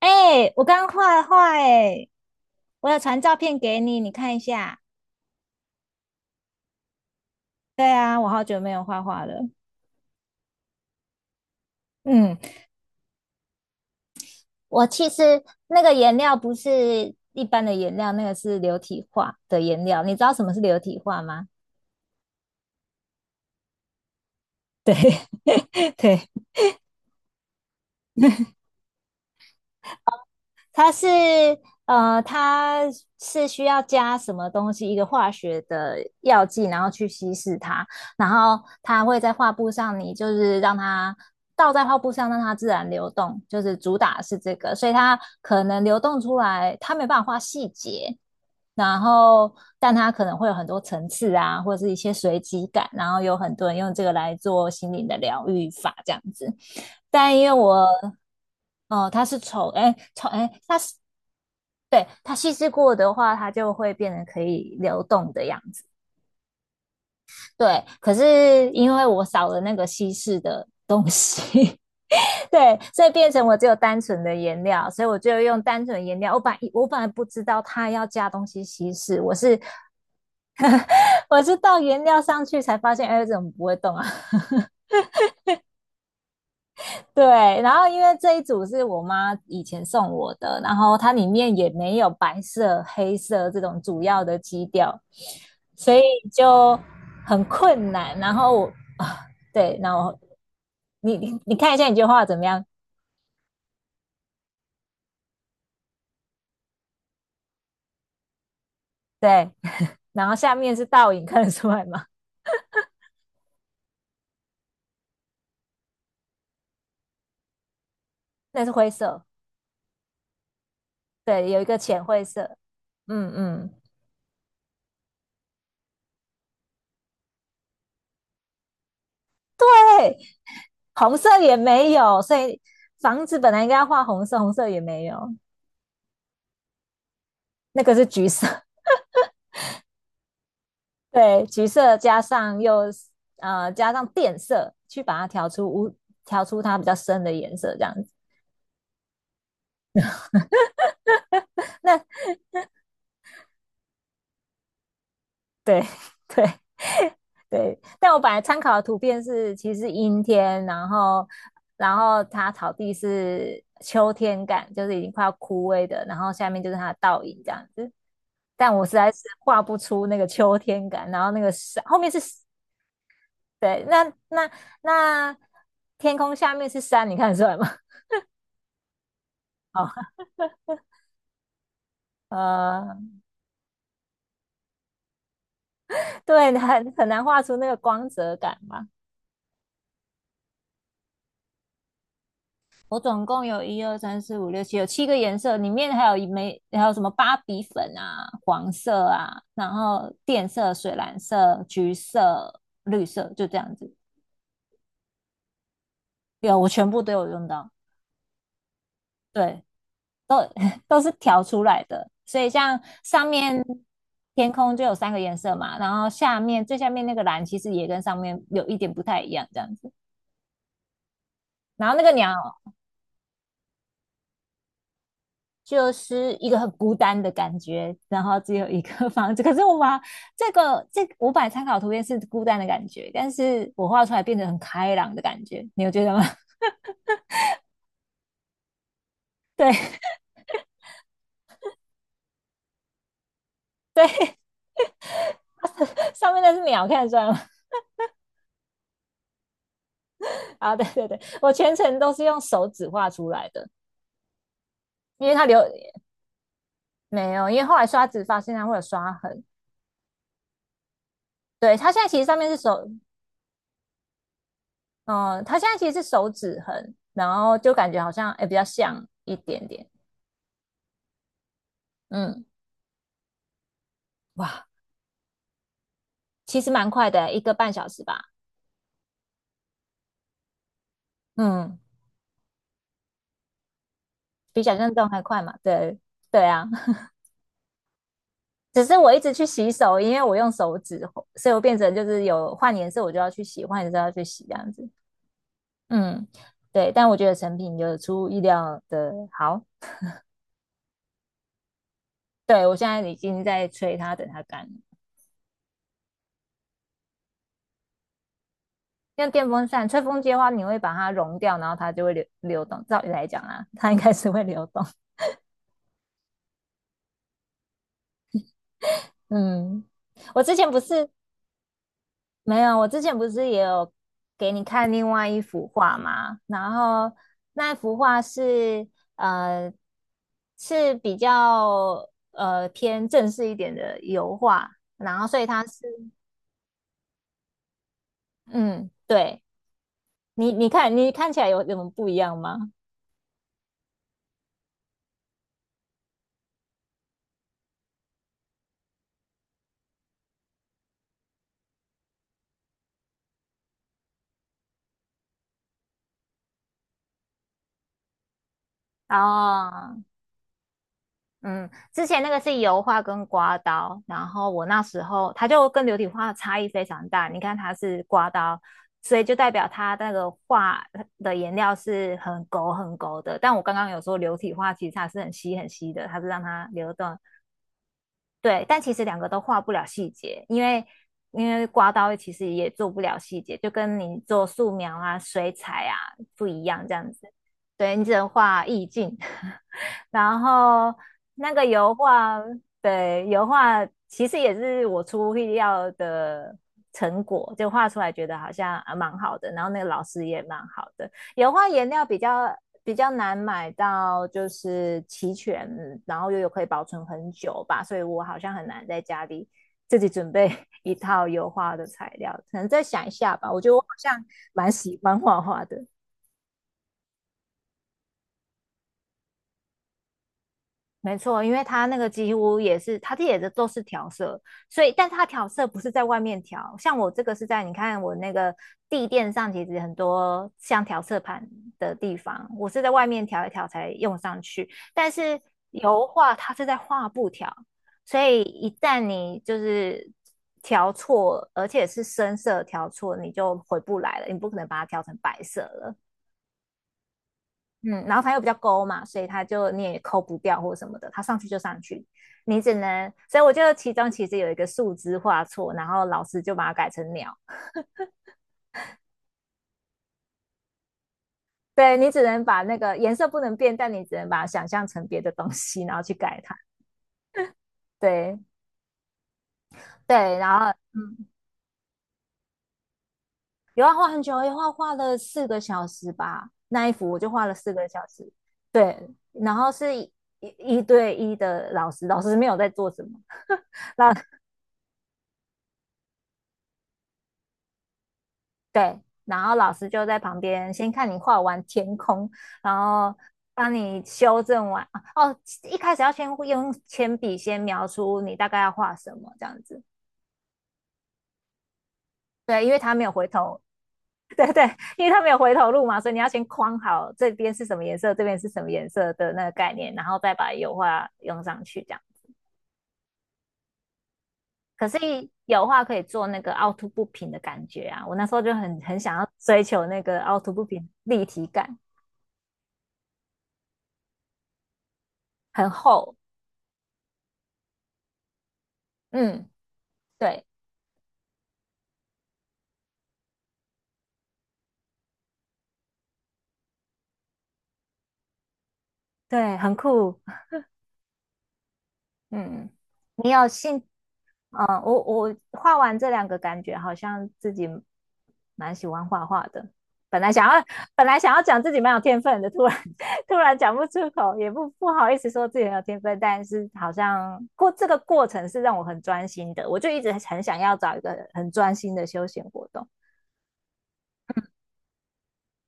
哎，我刚画画哎，我有传照片给你，你看一下。对啊，我好久没有画画了。嗯，我其实那个颜料不是一般的颜料，那个是流体画的颜料。你知道什么是流体画吗？对 对，它是它是需要加什么东西，一个化学的药剂，然后去稀释它，然后它会在画布上，你就是让它倒在画布上，让它自然流动，就是主打是这个，所以它可能流动出来，它没办法画细节，然后但它可能会有很多层次啊，或者是一些随机感，然后有很多人用这个来做心灵的疗愈法这样子，但因为我哦，它是丑，哎，丑，哎，它是。对，它稀释过的话，它就会变成可以流动的样子。对，可是因为我少了那个稀释的东西 对，所以变成我只有单纯的颜料，所以我就用单纯的颜料。我本来不知道它要加东西稀释，我是 我是倒颜料上去才发现，哎，怎么不会动啊？对，然后因为这一组是我妈以前送我的，然后它里面也没有白色、黑色这种主要的基调，所以就很困难。然后我啊，对，然后你看一下你这画怎么样？对，然后下面是倒影，看得出来吗？那是灰色，对，有一个浅灰色，嗯嗯，对，红色也没有，所以房子本来应该要画红色，红色也没有，那个是橘色。对，橘色加上又加上靛色，去把它调出无调出它比较深的颜色，这样子。那对 对对，但我本来参考的图片是其实阴天，然后它草地是秋天感，就是已经快要枯萎的，然后下面就是它的倒影这样子。但我实在是画不出那个秋天感，然后那个山后面是对，那天空下面是山，你看得出来吗？好，呃，对，很难画出那个光泽感嘛。我总共有一二三四五六七，有七个颜色，里面还有一枚，还有什么芭比粉啊、黄色啊，然后电色、水蓝色、橘色、绿色，就这样子。有，我全部都有用到，对，都是调出来的。所以像上面天空就有三个颜色嘛，然后下面最下面那个蓝其实也跟上面有一点不太一样，这样子。然后那个鸟就是一个很孤单的感觉，然后只有一个 房子。可是我把这个这500参考图片是孤单的感觉，但是我画出来变得很开朗的感觉，你有觉得吗？对，上面那是鸟，看得出来吗？啊，对对对，我全程都是用手指画出来的，因为它留没有，因为后来刷子发现它会有刷痕。对，它现在其实上面是手，嗯，它现在其实是手指痕，然后就感觉好像哎诶比较像一点点。嗯，哇，其实蛮快的，一个半小时吧。嗯。比想象中还快嘛。对对啊，只是我一直去洗手，因为我用手指，所以我变成就是有换颜色我就要去洗，换颜色要去洗这样子。嗯，对，但我觉得成品有出乎意料的好。对我现在已经在吹它，等它干了。像电风扇吹风机的话，你会把它融掉，然后它就会流动。照理来讲啊，它应该是会流动。嗯，我之前不是没有，我之前不是也有给你看另外一幅画吗？然后那幅画呃是比较偏正式一点的油画，然后所以它是嗯，对你看你看起来有什么不一样吗？哦，嗯，之前那个是油画跟刮刀，然后我那时候它就跟流体画差异非常大。你看它是刮刀，所以就代表它那个画的颜料是很勾很勾的。但我刚刚有说流体画其实它是很稀很稀的，它是让它流动对，但其实两个都画不了细节，因为刮刀其实也做不了细节，就跟你做素描啊、水彩啊不一样这样子。对，你只能画意境，然后那个油画，对，油画其实也是我出乎意料的成果，就画出来觉得好像啊蛮好的，然后那个老师也蛮好的。油画颜料比较难买到，就是齐全，然后又有可以保存很久吧，所以我好像很难在家里自己准备一套油画的材料，可能再想一下吧。我觉得我好像蛮喜欢画画的，没错，因为它那个几乎也是，它这也是都是调色，所以，但是它调色不是在外面调，像我这个是在你看我那个地垫上，其实很多像调色盘的地方，我是在外面调一调才用上去，但是油画它是在画布调，所以一旦你就是调错，而且是深色调错，你就回不来了，你不可能把它调成白色了。嗯，然后它又比较勾嘛，所以它就你也抠不掉或什么的，它上去就上去，你只能，所以我觉得其中其实有一个树枝画错，然后老师就把它改成鸟。对你只能把那个颜色不能变，但你只能把它想象成别的东西，然后去改它。对对，然后嗯，有啊，画很久，画画了四个小时吧，那一幅我就画了四个小时。对，然后是一对一的老师，老师没有在做什么，对，然后老师就在旁边先看你画完天空，然后帮你修正完。哦，一开始要先用铅笔先描出你大概要画什么这样子。对，因为他没有回头，因为他没有回头路嘛，所以你要先框好这边是什么颜色，这边是什么颜色的那个概念，然后再把油画用上去这样。可是油画可以做那个凹凸不平的感觉啊，我那时候就很想要追求那个凹凸不平立体感，很厚。嗯，对。对，很酷。嗯，你有兴，嗯，我画完这两个，感觉好像自己蛮喜欢画画的。本来想要，本来想要讲自己蛮有天分的，突然 突然讲不出口，也不好意思说自己很有天分，但是好像过这个过程是让我很专心的，我就一直很想要找一个很专心的休闲活动。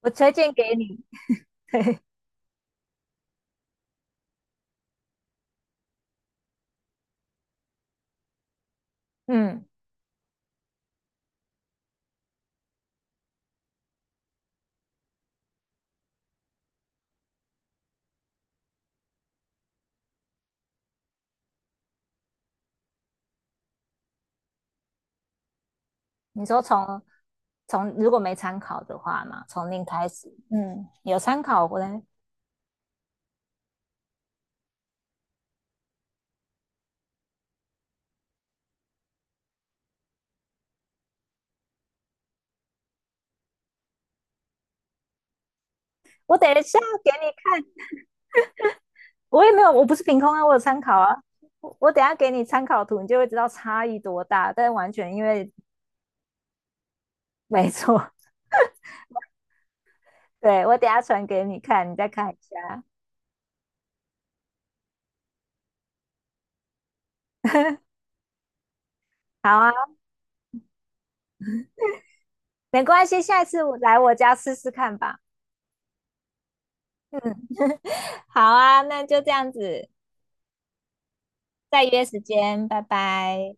我推荐给你，嗯，你说从如果没参考的话嘛，从零开始，嗯，有参考过的我等一下给你看，我也没有，我不是凭空啊，我有参考啊。我等一下给你参考图，你就会知道差异多大。但完全因为没错，对，我等一下传给你看，你再看一下。好啊，没关系，下一次我来我家试试看吧。嗯，好啊，那就这样子，再约时间，拜拜。